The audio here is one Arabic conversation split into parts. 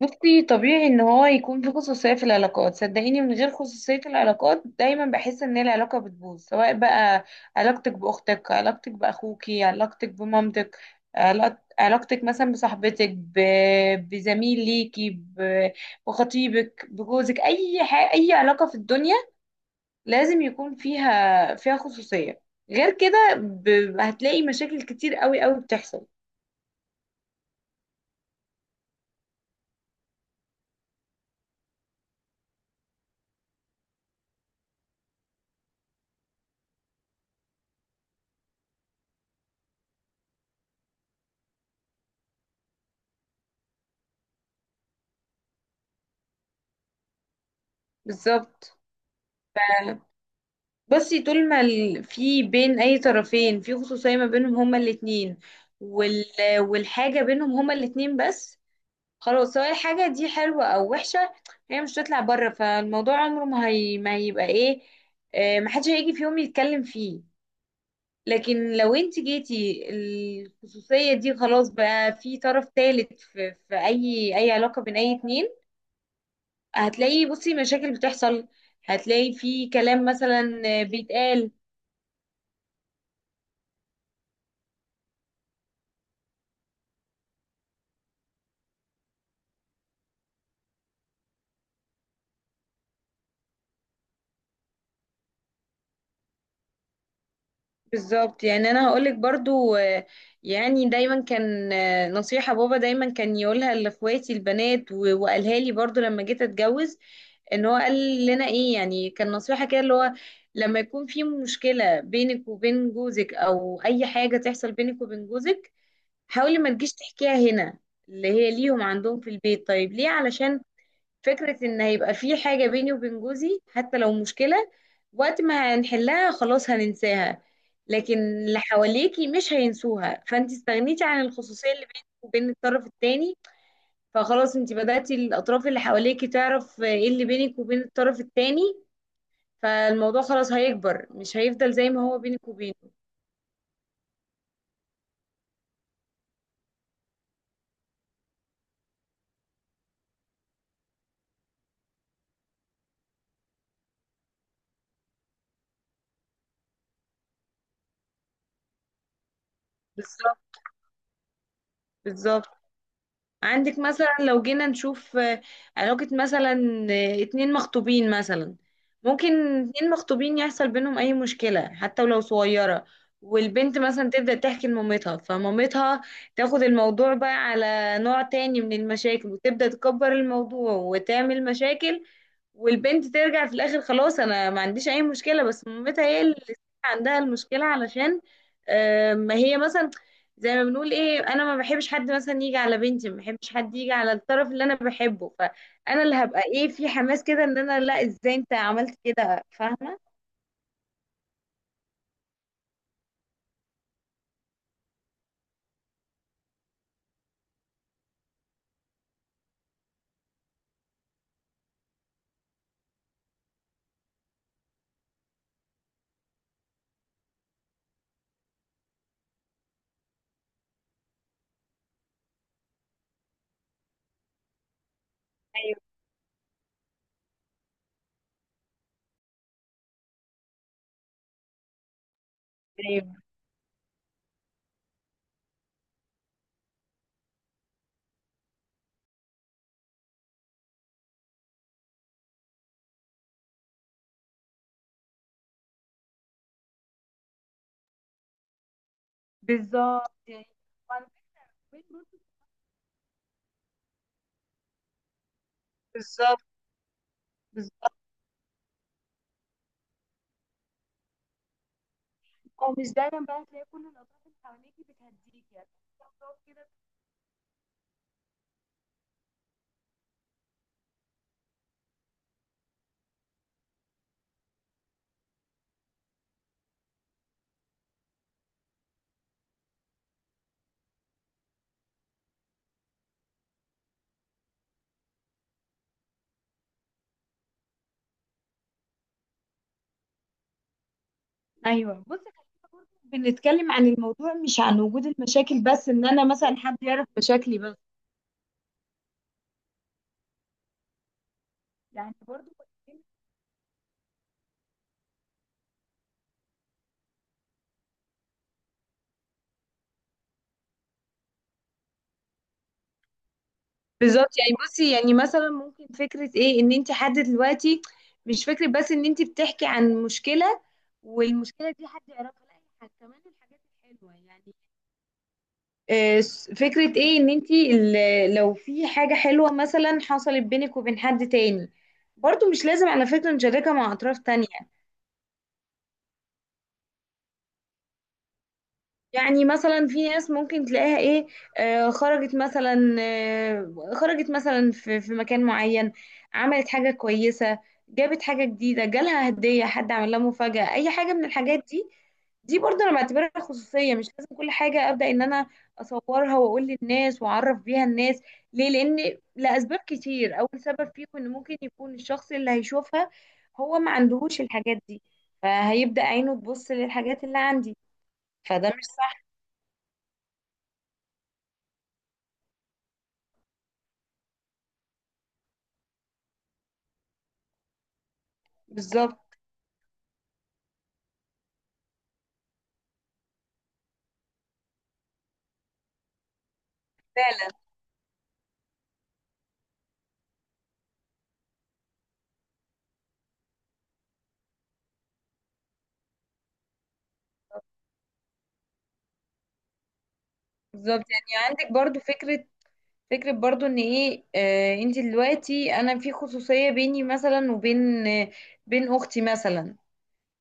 بصي، طبيعي ان هو يكون في خصوصية في العلاقات. صدقيني، من غير خصوصية العلاقات دايما بحس ان العلاقة بتبوظ. سواء بقى علاقتك باختك، علاقتك باخوكي، علاقتك بمامتك، علاقتك مثلا بصاحبتك، بزميل ليكي، بخطيبك، بجوزك، اي حاجة، اي علاقة في الدنيا لازم يكون فيها خصوصية. غير كده هتلاقي مشاكل كتير قوي قوي بتحصل. بالظبط. بصي، طول ما في بين اي طرفين في خصوصية ما بينهم هما الاتنين، وال... والحاجة بينهم هما الاتنين بس. خلاص، سواء الحاجة دي حلوة او وحشة، هي مش هتطلع بره، فالموضوع عمره ما هيبقى ايه. محدش هيجي في يوم يتكلم فيه. لكن لو انت جيتي الخصوصية دي، خلاص بقى في طرف تالت في اي علاقة بين اي اتنين، هتلاقي، بصي، مشاكل بتحصل. هتلاقي في كلام مثلا بيتقال. بالظبط، يعني انا هقولك برضو. يعني دايما كان، نصيحة بابا دايما كان يقولها لاخواتي البنات، وقالها لي برضو لما جيت اتجوز. ان هو قال لنا ايه؟ يعني كان نصيحة كده، اللي هو لما يكون في مشكلة بينك وبين جوزك او اي حاجة تحصل بينك وبين جوزك، حاولي ما تجيش تحكيها هنا، اللي هي ليهم عندهم في البيت. طيب ليه؟ علشان فكرة ان هيبقى في حاجة بيني وبين جوزي حتى لو مشكلة، وقت ما هنحلها خلاص هننساها، لكن اللي حواليكي مش هينسوها، فانت استغنيتي عن الخصوصية اللي بينك وبين الطرف التاني. فخلاص، انت بدأتي الاطراف اللي حواليكي تعرف ايه اللي بينك وبين الطرف التاني، فالموضوع خلاص هيكبر، مش هيفضل زي ما هو بينك وبينه. بالظبط، بالظبط. عندك مثلا، لو جينا نشوف علاقة مثلا، اتنين مخطوبين مثلا، ممكن اتنين مخطوبين يحصل بينهم أي مشكلة حتى ولو صغيرة، والبنت مثلا تبدأ تحكي لمامتها، فمامتها تاخد الموضوع بقى على نوع تاني من المشاكل وتبدأ تكبر الموضوع وتعمل مشاكل، والبنت ترجع في الاخر خلاص انا ما عنديش اي مشكله، بس مامتها هي اللي عندها المشكله. علشان ما هي مثلا، زي ما بنقول ايه، انا ما بحبش حد مثلا يجي على بنتي، ما بحبش حد يجي على الطرف اللي انا بحبه، فانا اللي هبقى ايه، في حماس كده ان انا، لا، ازاي انت عملت كده؟ فاهمه. ايوه، ايوه. بالظبط، يعني وعلى فكرة البيت برضه. بالظبط، بالظبط. او مش دايما بقى تلاقي كل الاطراف اللي حواليكي بتهديكي، يعني في أطراف كده. ايوه. بص، خلينا برضه بنتكلم عن الموضوع، مش عن وجود المشاكل بس ان انا مثلا حد يعرف مشاكلي بس. يعني برضه. بالظبط، يعني بصي، يعني مثلا ممكن فكرة ايه ان انت حد دلوقتي، مش فكرة بس ان انت بتحكي عن مشكلة والمشكلة دي حد يعرفها، لا، كمان الحاجات الحلوة يعني. فكرة ايه ان انت لو في حاجة حلوة مثلا حصلت بينك وبين حد تاني، برضو مش لازم على فكرة نشاركها مع اطراف تانية. يعني مثلا في ناس ممكن تلاقيها ايه، خرجت مثلا في مكان معين، عملت حاجة كويسة، جابت حاجة جديدة، جالها هدية، حد عمل لها مفاجأة، أي حاجة من الحاجات دي. دي برضه أنا بعتبرها خصوصية، مش لازم كل حاجة أبدأ إن أنا أصورها وأقول للناس وأعرف بيها الناس. ليه؟ لأسباب كتير. أول سبب فيهم إن ممكن يكون الشخص اللي هيشوفها هو ما عندهوش الحاجات دي، فهيبدأ عينه تبص للحاجات اللي عندي، فده مش صح. بالظبط. فعلا. بالظبط، يعني عندك برضو فكرة برضو ان ايه، انت دلوقتي انا في خصوصية بيني مثلا وبين آه بين اختي مثلا.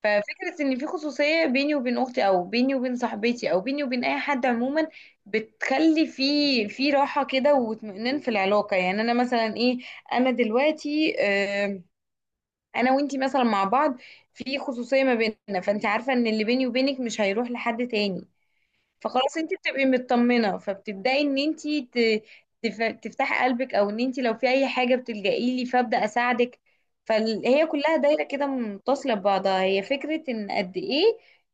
ففكرة ان في خصوصية بيني وبين اختي، او بيني وبين صاحبتي، او بيني وبين اي حد عموما، بتخلي في راحة كده واطمئنان في العلاقة. يعني انا مثلا ايه، انا دلوقتي انا وانتي مثلا مع بعض في خصوصية ما بيننا، فانت عارفة ان اللي بيني وبينك مش هيروح لحد تاني. فخلاص انت بتبقي مطمنه، فبتبداي ان انت تفتحي قلبك، او ان انت لو في اي حاجه بتلجئي لي فابدا اساعدك. فهي كلها دايره كده متصله ببعضها، هي فكره ان قد ايه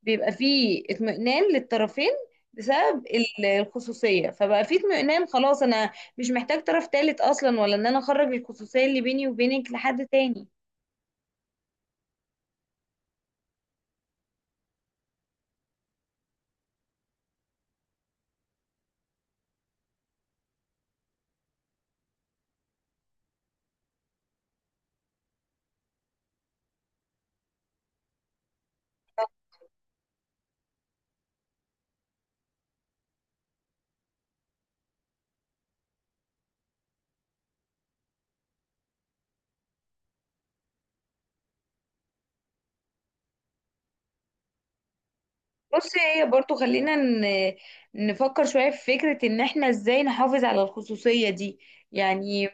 بيبقى فيه اطمئنان للطرفين بسبب الخصوصيه، فبقى فيه اطمئنان، خلاص انا مش محتاج طرف تالت اصلا، ولا ان انا اخرج الخصوصيه اللي بيني وبينك لحد تاني. بص، هي برضو، خلينا نفكر شوية في فكرة ان احنا ازاي نحافظ على الخصوصية دي. يعني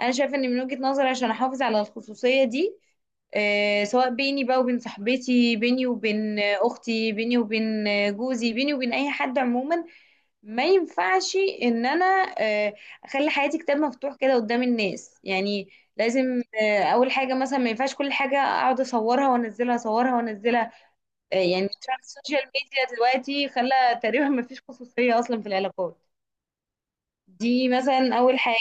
انا شايفة ان من وجهة نظري، عشان احافظ على الخصوصية دي سواء بيني بقى وبين صاحبتي، بيني وبين اختي، بيني وبين جوزي، بيني وبين اي حد عموما، ما ينفعش ان انا آه، اخلي حياتي كتاب مفتوح كده قدام الناس يعني. لازم اول حاجة، مثلا، ما ينفعش كل حاجة اقعد اصورها وانزلها، اصورها وانزلها. يعني ترند السوشيال ميديا دلوقتي خلى تقريبا ما فيش خصوصية أصلا في العلاقات دي. مثلا أول حاجة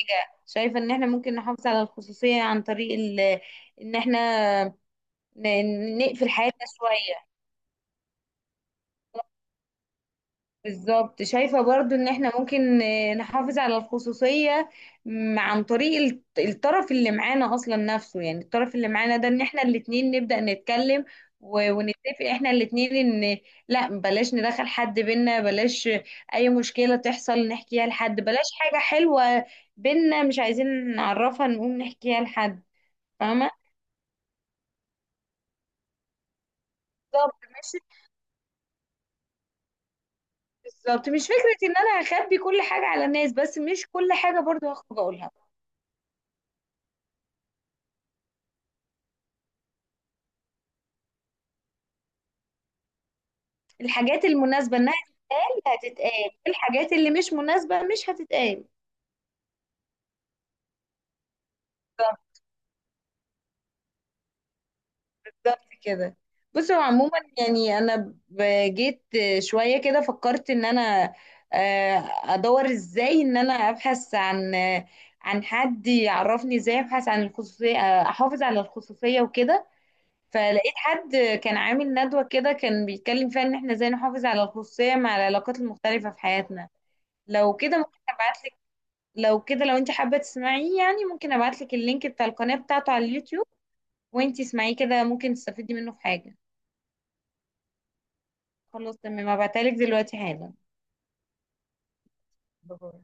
شايفة إن احنا ممكن نحافظ على الخصوصية عن طريق إن احنا نقفل حياتنا شوية. بالظبط. شايفة برضو ان احنا ممكن نحافظ على الخصوصية عن طريق الطرف اللي معانا اصلا نفسه، يعني الطرف اللي معانا ده، ان احنا الاتنين نبدأ نتكلم ونتفق احنا الاتنين ان، لا، بلاش ندخل حد بينا، بلاش اي مشكلة تحصل نحكيها لحد، بلاش حاجة حلوة بينا مش عايزين نعرفها نقوم نحكيها لحد. فاهمة. بالظبط مش بالظبط مش فكرة ان انا هخبي كل حاجة على الناس، بس مش كل حاجة برضو هخرج اقولها. الحاجات المناسبة انها هتتقال، الحاجات اللي مش مناسبة مش هتتقال. بالظبط. بالظبط كده. بص، هو عموما يعني انا جيت شويه كده فكرت ان انا ادور ازاي، ان انا ابحث عن، عن حد يعرفني ازاي ابحث عن الخصوصيه، احافظ على الخصوصيه وكده. فلقيت حد كان عامل ندوه كده، كان بيتكلم فيها ان احنا ازاي نحافظ على الخصوصيه مع العلاقات المختلفه في حياتنا. لو كده ممكن ابعت لو كده، لو انت حابة تسمعيه، يعني ممكن ابعتلك اللينك بتاع القناة بتاعته على اليوتيوب، وانت اسمعيه كده ممكن تستفيدي منه في حاجة. خلاص تمام، هبعتهالك دلوقتي حالا. باي.